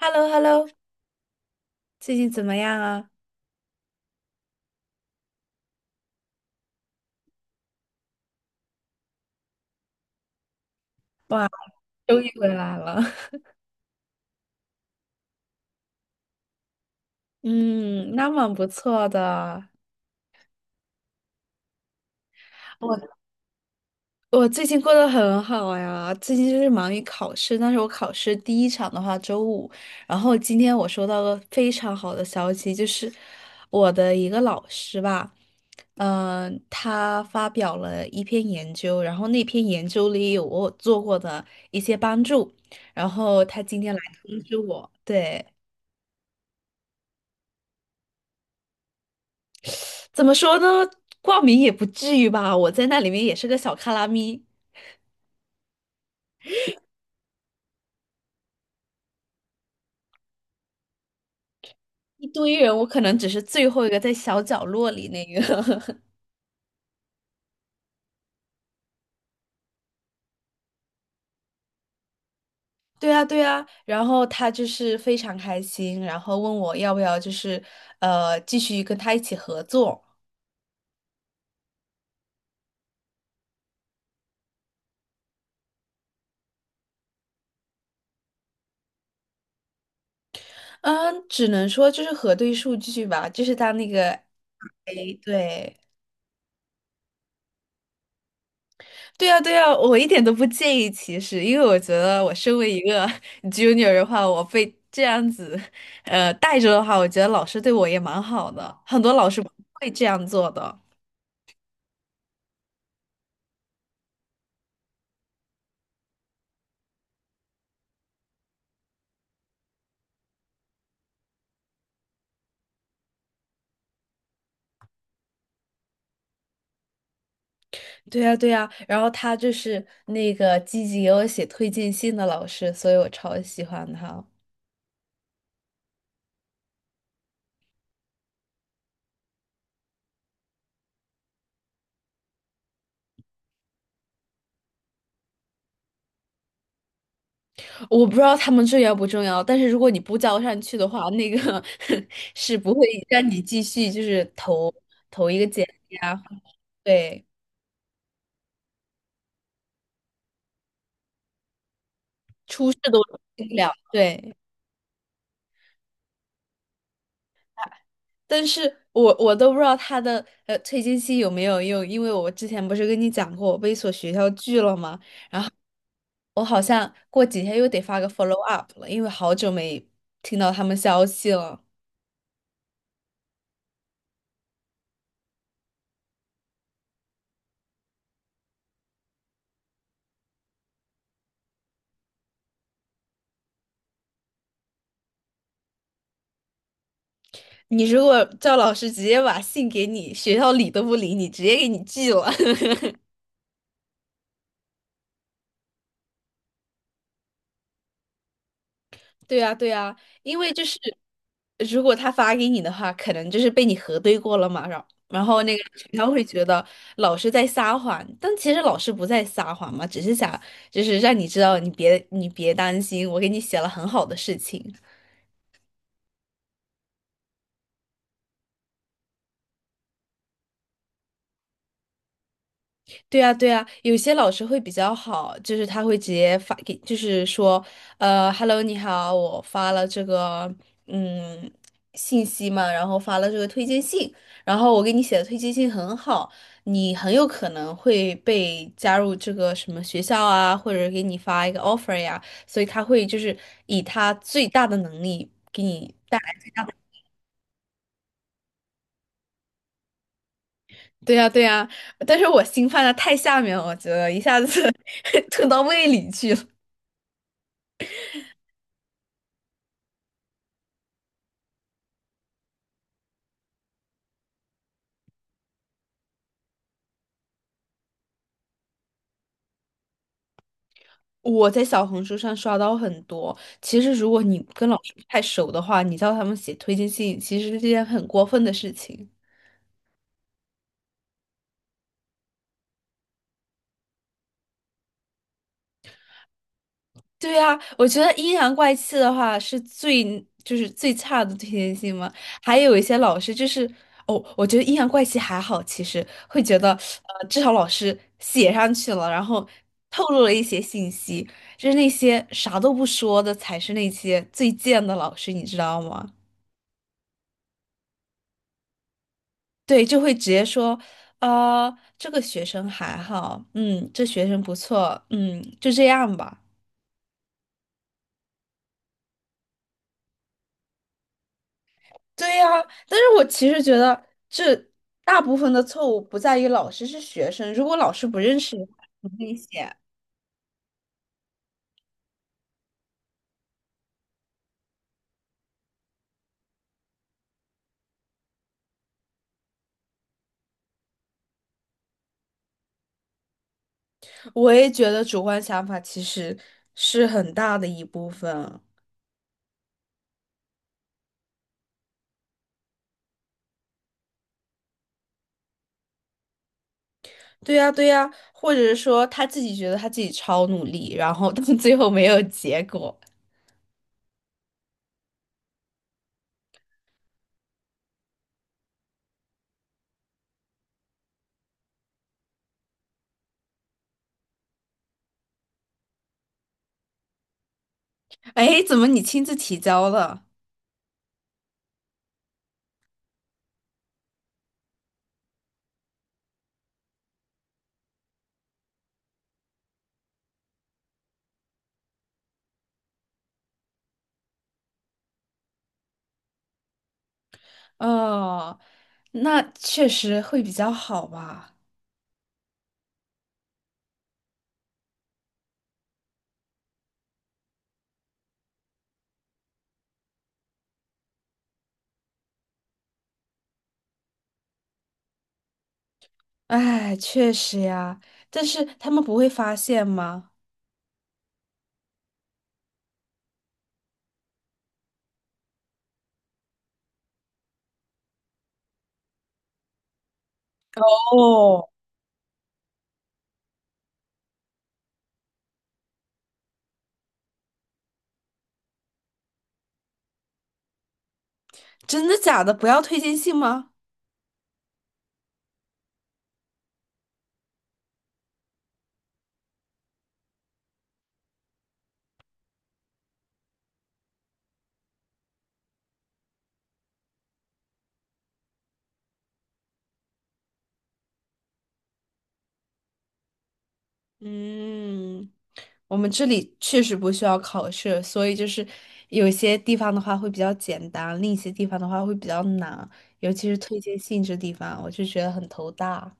h e l l o h e l l o 最近怎么样啊？哇，终于回来了。嗯，那蛮不错的。我我最近过得很好呀，最近就是忙于考试，但是我考试第一场的话周五，然后今天我收到了非常好的消息，就是我的一个老师吧，他发表了一篇研究，然后那篇研究里有我做过的一些帮助，然后他今天来通知我，对。怎么说呢？挂名也不至于吧，我在那里面也是个小卡拉咪，一堆人，我可能只是最后一个在小角落里那个。对啊，对啊。然后他就是非常开心，然后问我要不要就是继续跟他一起合作。嗯，只能说就是核对数据吧，就是他那个，哎，对。对呀，对呀，我一点都不介意歧视，因为我觉得我身为一个 junior 的话，我被这样子，带着的话，我觉得老师对我也蛮好的，很多老师不会这样做的。对呀，对呀，然后他就是那个积极给我写推荐信的老师，所以我超喜欢他。我不知道他们重要不重要，但是如果你不交上去的话，那个 是不会让你继续就是投一个简历啊，对，出事都进不了，对。但是我都不知道他的退金期有没有用，因为我之前不是跟你讲过我被一所学校拒了吗？我好像过几天又得发个 follow up 了，因为好久没听到他们消息了。你如果赵老师直接把信给你，学校理都不理你，直接给你拒了。对呀，对呀，因为就是如果他发给你的话，可能就是被你核对过了嘛，然后那个他会觉得老师在撒谎，但其实老师不在撒谎嘛，只是想就是让你知道你别担心，我给你写了很好的事情。对啊，对啊，有些老师会比较好，就是他会直接发给，就是说，Hello,你好，我发了这个嗯信息嘛，然后发了这个推荐信，然后我给你写的推荐信很好，你很有可能会被加入这个什么学校啊，或者给你发一个 offer 呀，所以他会就是以他最大的能力给你。对呀，对呀，但是我心放在太下面了，我觉得一下子 吞到胃里去了。我在小红书上刷到很多。其实，如果你跟老师不太熟的话，你叫他们写推荐信，其实是件很过分的事情。对啊，我觉得阴阳怪气的话是就是最差的推荐信嘛。还有一些老师就是哦，我觉得阴阳怪气还好，其实会觉得至少老师写上去了，然后透露了一些信息，就是那些啥都不说的才是那些最贱的老师，你知道吗？对，就会直接说，这个学生还好，嗯，这学生不错，嗯，就这样吧。对呀，但是我其实觉得这大部分的错误不在于老师，是学生。如果老师不认识你，很危险。我也觉得主观想法其实是很大的一部分。对呀，对呀，或者是说他自己觉得他自己超努力，然后到最后没有结果。哎，怎么你亲自提交了？哦，那确实会比较好吧？哎，确实呀，但是他们不会发现吗？哦，真的假的？不要推荐信吗？嗯，我们这里确实不需要考试，所以就是有些地方的话会比较简单，另一些地方的话会比较难，尤其是推荐信这地方，我就觉得很头大。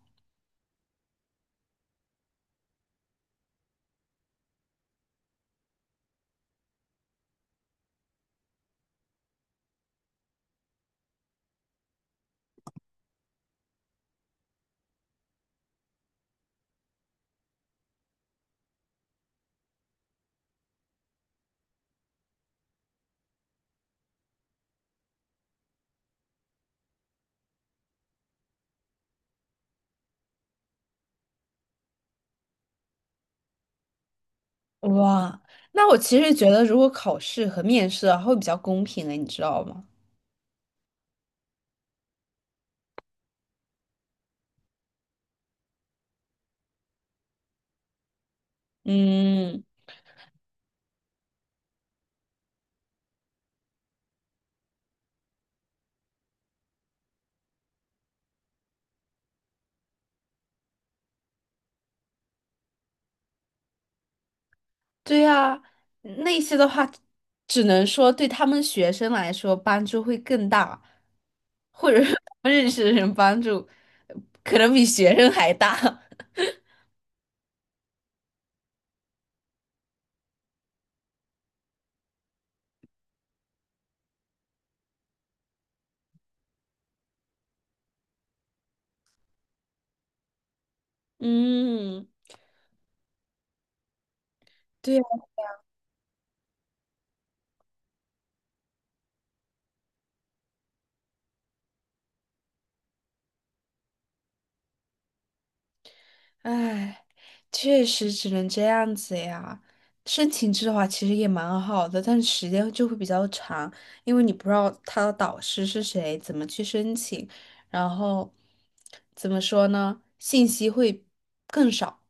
哇，那我其实觉得如果考试和面试啊，会比较公平诶，你知道吗？嗯。对呀，那些的话，只能说对他们学生来说帮助会更大，或者是他们认识的人帮助可能比学生还大。嗯，对呀，唉，确实只能这样子呀。申请制的话，其实也蛮好的，但是时间就会比较长，因为你不知道他的导师是谁，怎么去申请，然后怎么说呢，信息会更少。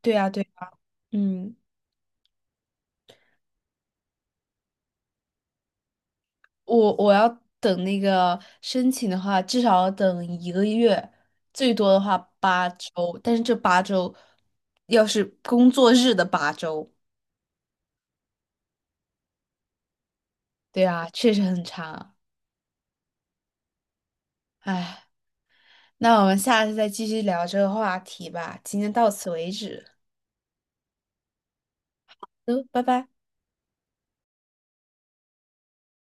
对呀，对呀嗯。我要等那个申请的话，至少要等一个月，最多的话八周。但是这八周，要是工作日的八周，对啊，确实很长。唉，那我们下次再继续聊这个话题吧。今天到此为止，嗯，拜拜。